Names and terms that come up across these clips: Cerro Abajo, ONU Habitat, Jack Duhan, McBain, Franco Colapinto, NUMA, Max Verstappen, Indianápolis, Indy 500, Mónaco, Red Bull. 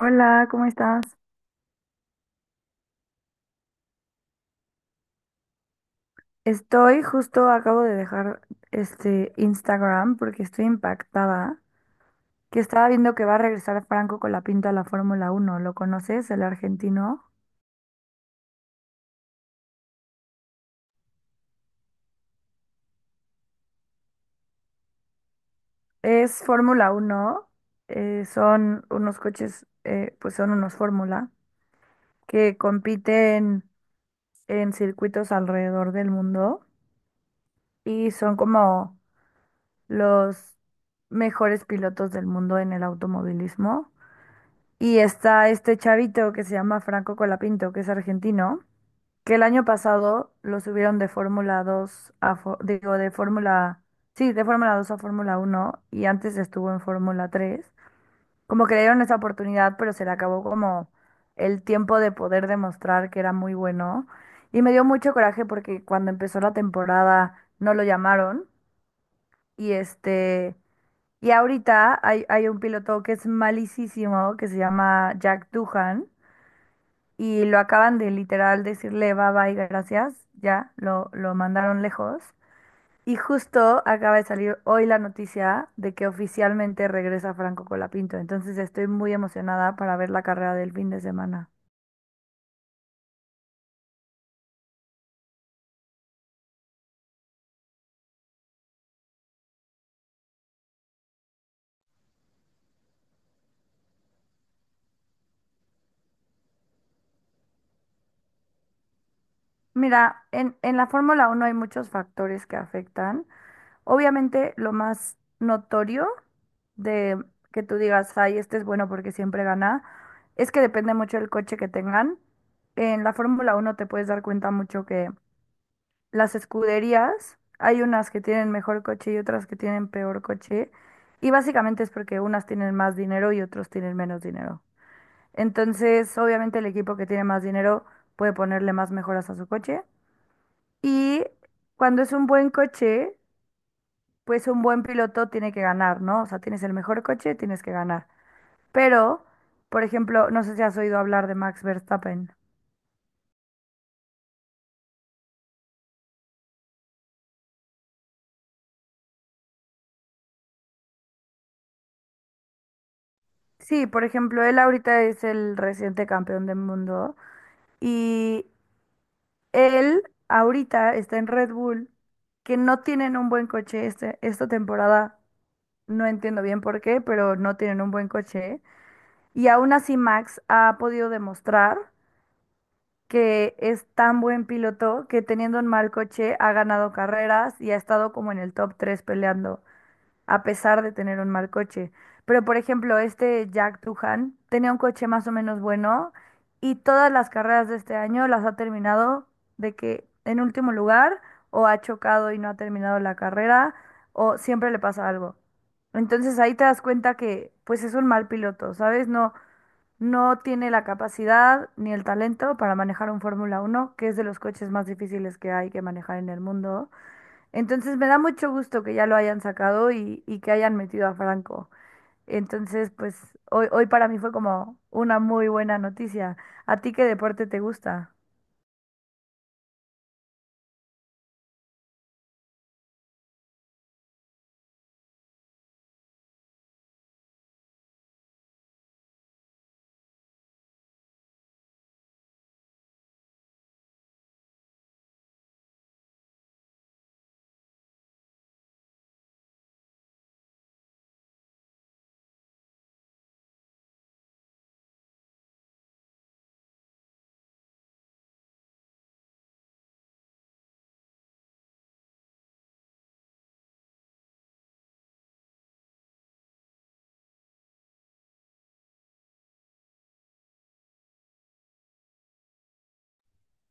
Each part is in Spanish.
Hola, ¿cómo estás? Estoy justo, acabo de dejar este Instagram porque estoy impactada, que estaba viendo que va a regresar Franco con la pinta a la Fórmula Uno. ¿Lo conoces, el argentino? Es Fórmula Uno. Son unos coches, pues son unos Fórmula, que compiten en circuitos alrededor del mundo y son como los mejores pilotos del mundo en el automovilismo. Y está este chavito que se llama Franco Colapinto, que es argentino, que el año pasado lo subieron de Fórmula 2 a, digo, de Fórmula, sí, de Fórmula 2 a Fórmula uno y antes estuvo en Fórmula tres. Como que le dieron esa oportunidad, pero se le acabó como el tiempo de poder demostrar que era muy bueno. Y me dio mucho coraje porque cuando empezó la temporada no lo llamaron y Y ahorita hay un piloto que es malísimo, que se llama Jack Duhan y lo acaban de literal decirle bye bye, gracias, ya lo mandaron lejos. Y justo acaba de salir hoy la noticia de que oficialmente regresa Franco Colapinto, entonces estoy muy emocionada para ver la carrera del fin de semana. Mira, en la Fórmula Uno hay muchos factores que afectan. Obviamente lo más notorio de que tú digas, ay, este es bueno porque siempre gana, es que depende mucho del coche que tengan. En la Fórmula Uno te puedes dar cuenta mucho que las escuderías, hay unas que tienen mejor coche y otras que tienen peor coche, y básicamente es porque unas tienen más dinero y otros tienen menos dinero. Entonces, obviamente el equipo que tiene más dinero puede ponerle más mejoras a su coche. Y cuando es un buen coche, pues un buen piloto tiene que ganar, ¿no? O sea, tienes el mejor coche, tienes que ganar. Pero, por ejemplo, no sé si has oído hablar de Max Verstappen. Sí, por ejemplo, él ahorita es el reciente campeón del mundo y él ahorita está en Red Bull, que no tienen un buen esta temporada. No entiendo bien por qué, pero no tienen un buen coche. Y aún así Max ha podido demostrar que es tan buen piloto que teniendo un mal coche ha ganado carreras y ha estado como en el top 3 peleando a pesar de tener un mal coche. Pero, por ejemplo, este Jack Tuhan tenía un coche más o menos bueno y todas las carreras de este año las ha terminado de que en último lugar o ha chocado y no ha terminado la carrera o siempre le pasa algo. Entonces ahí te das cuenta que pues es un mal piloto, ¿sabes? No, no tiene la capacidad ni el talento para manejar un Fórmula uno que es de los coches más difíciles que hay que manejar en el mundo. Entonces me da mucho gusto que ya lo hayan sacado y que hayan metido a Franco. Entonces, pues hoy para mí fue como una muy buena noticia. ¿A ti qué deporte te gusta?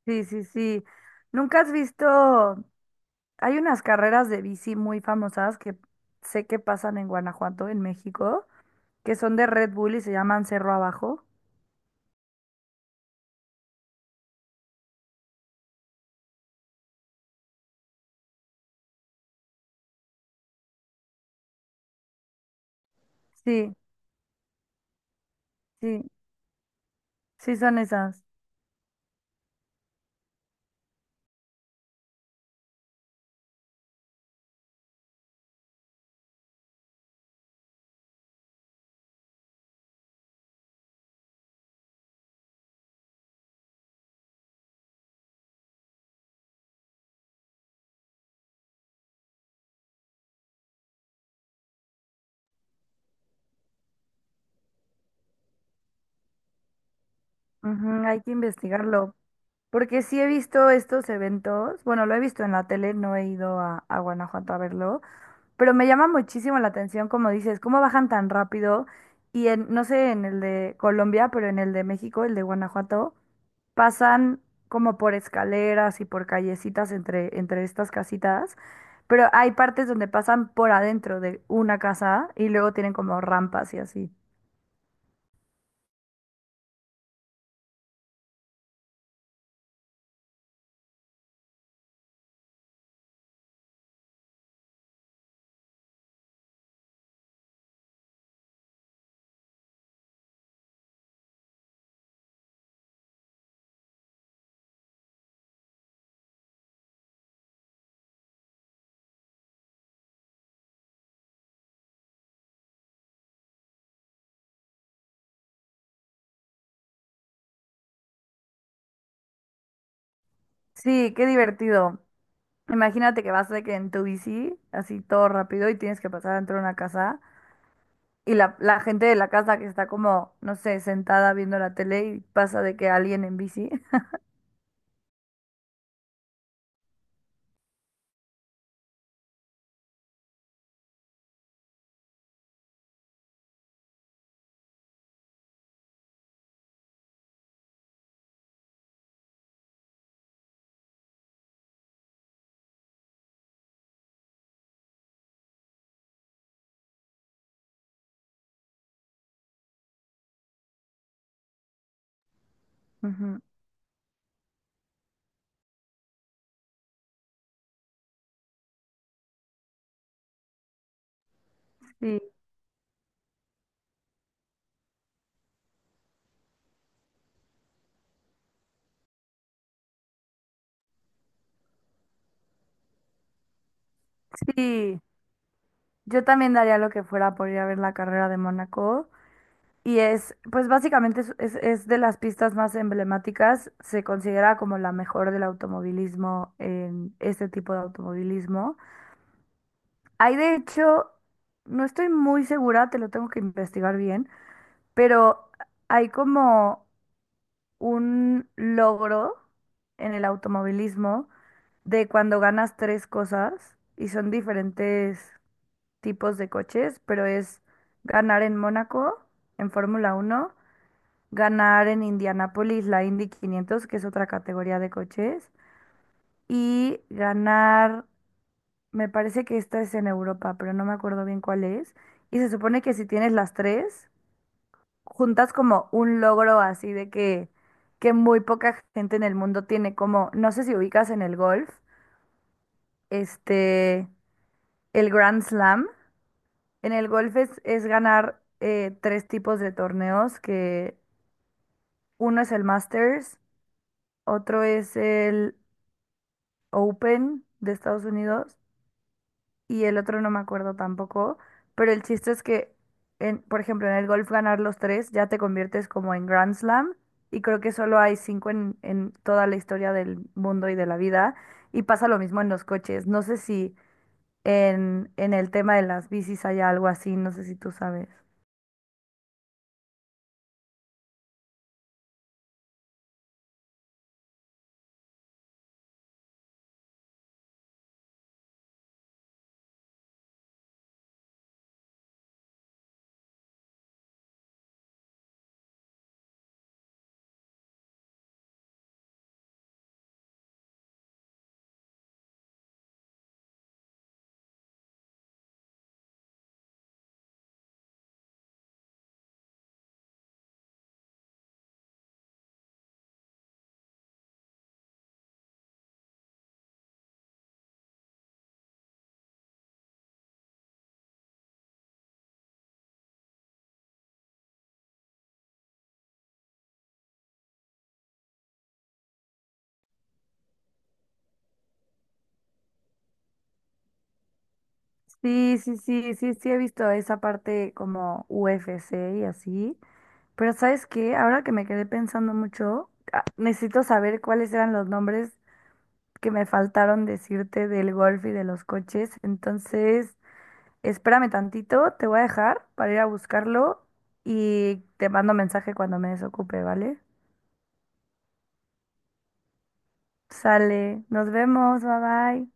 Sí, sí, sí. ¿Nunca has visto? Hay unas carreras de bici muy famosas que sé que pasan en Guanajuato, en México, que son de Red Bull y se llaman Cerro Abajo. Sí, sí, sí son esas. Ujú, hay que investigarlo. Porque sí he visto estos eventos, bueno, lo he visto en la tele, no he ido a Guanajuato a verlo, pero me llama muchísimo la atención, como dices, cómo bajan tan rápido y no sé, en el de Colombia, pero en el de México, el de Guanajuato, pasan como por escaleras y por callecitas entre estas casitas, pero hay partes donde pasan por adentro de una casa y luego tienen como rampas y así. Sí, qué divertido. Imagínate que vas de que en tu bici, así todo rápido, y tienes que pasar dentro de una casa, y la gente de la casa que está como, no sé, sentada viendo la tele y pasa de que alguien en bici. Ujú. Sí, sí. Yo también daría lo que fuera por ir a ver la carrera de Mónaco. Y es, pues básicamente es de las pistas más emblemáticas. Se considera como la mejor del automovilismo en este tipo de automovilismo. Hay de hecho, no estoy muy segura, te lo tengo que investigar bien, pero hay como un logro en el automovilismo de cuando ganas tres cosas y son diferentes tipos de coches, pero es ganar en Mónaco, en Fórmula Uno, ganar en Indianápolis, la Indy 500, que es otra categoría de coches, y ganar, me parece que esta es en Europa, pero no me acuerdo bien cuál es, y se supone que si tienes las tres juntas como un logro así de que muy poca gente en el mundo tiene, como, no sé si ubicas en el golf, este, el Grand Slam. En el golf es ganar tres tipos de torneos, que uno es el Masters, otro es el Open de Estados Unidos y el otro no me acuerdo tampoco, pero el chiste es que, por ejemplo, en el golf ganar los tres ya te conviertes como en Grand Slam y creo que solo hay cinco en toda la historia del mundo y de la vida y pasa lo mismo en los coches. No sé si en el tema de las bicis hay algo así, no sé si tú sabes. Sí, sí, sí, sí, sí he visto esa parte como UFC y así, pero ¿sabes qué? Ahora que me quedé pensando mucho, ah, necesito saber cuáles eran los nombres que me faltaron decirte del golf y de los coches. Entonces, espérame tantito, te voy a dejar para ir a buscarlo y te mando mensaje cuando me desocupe, ¿vale? Sale, nos vemos, bye bye.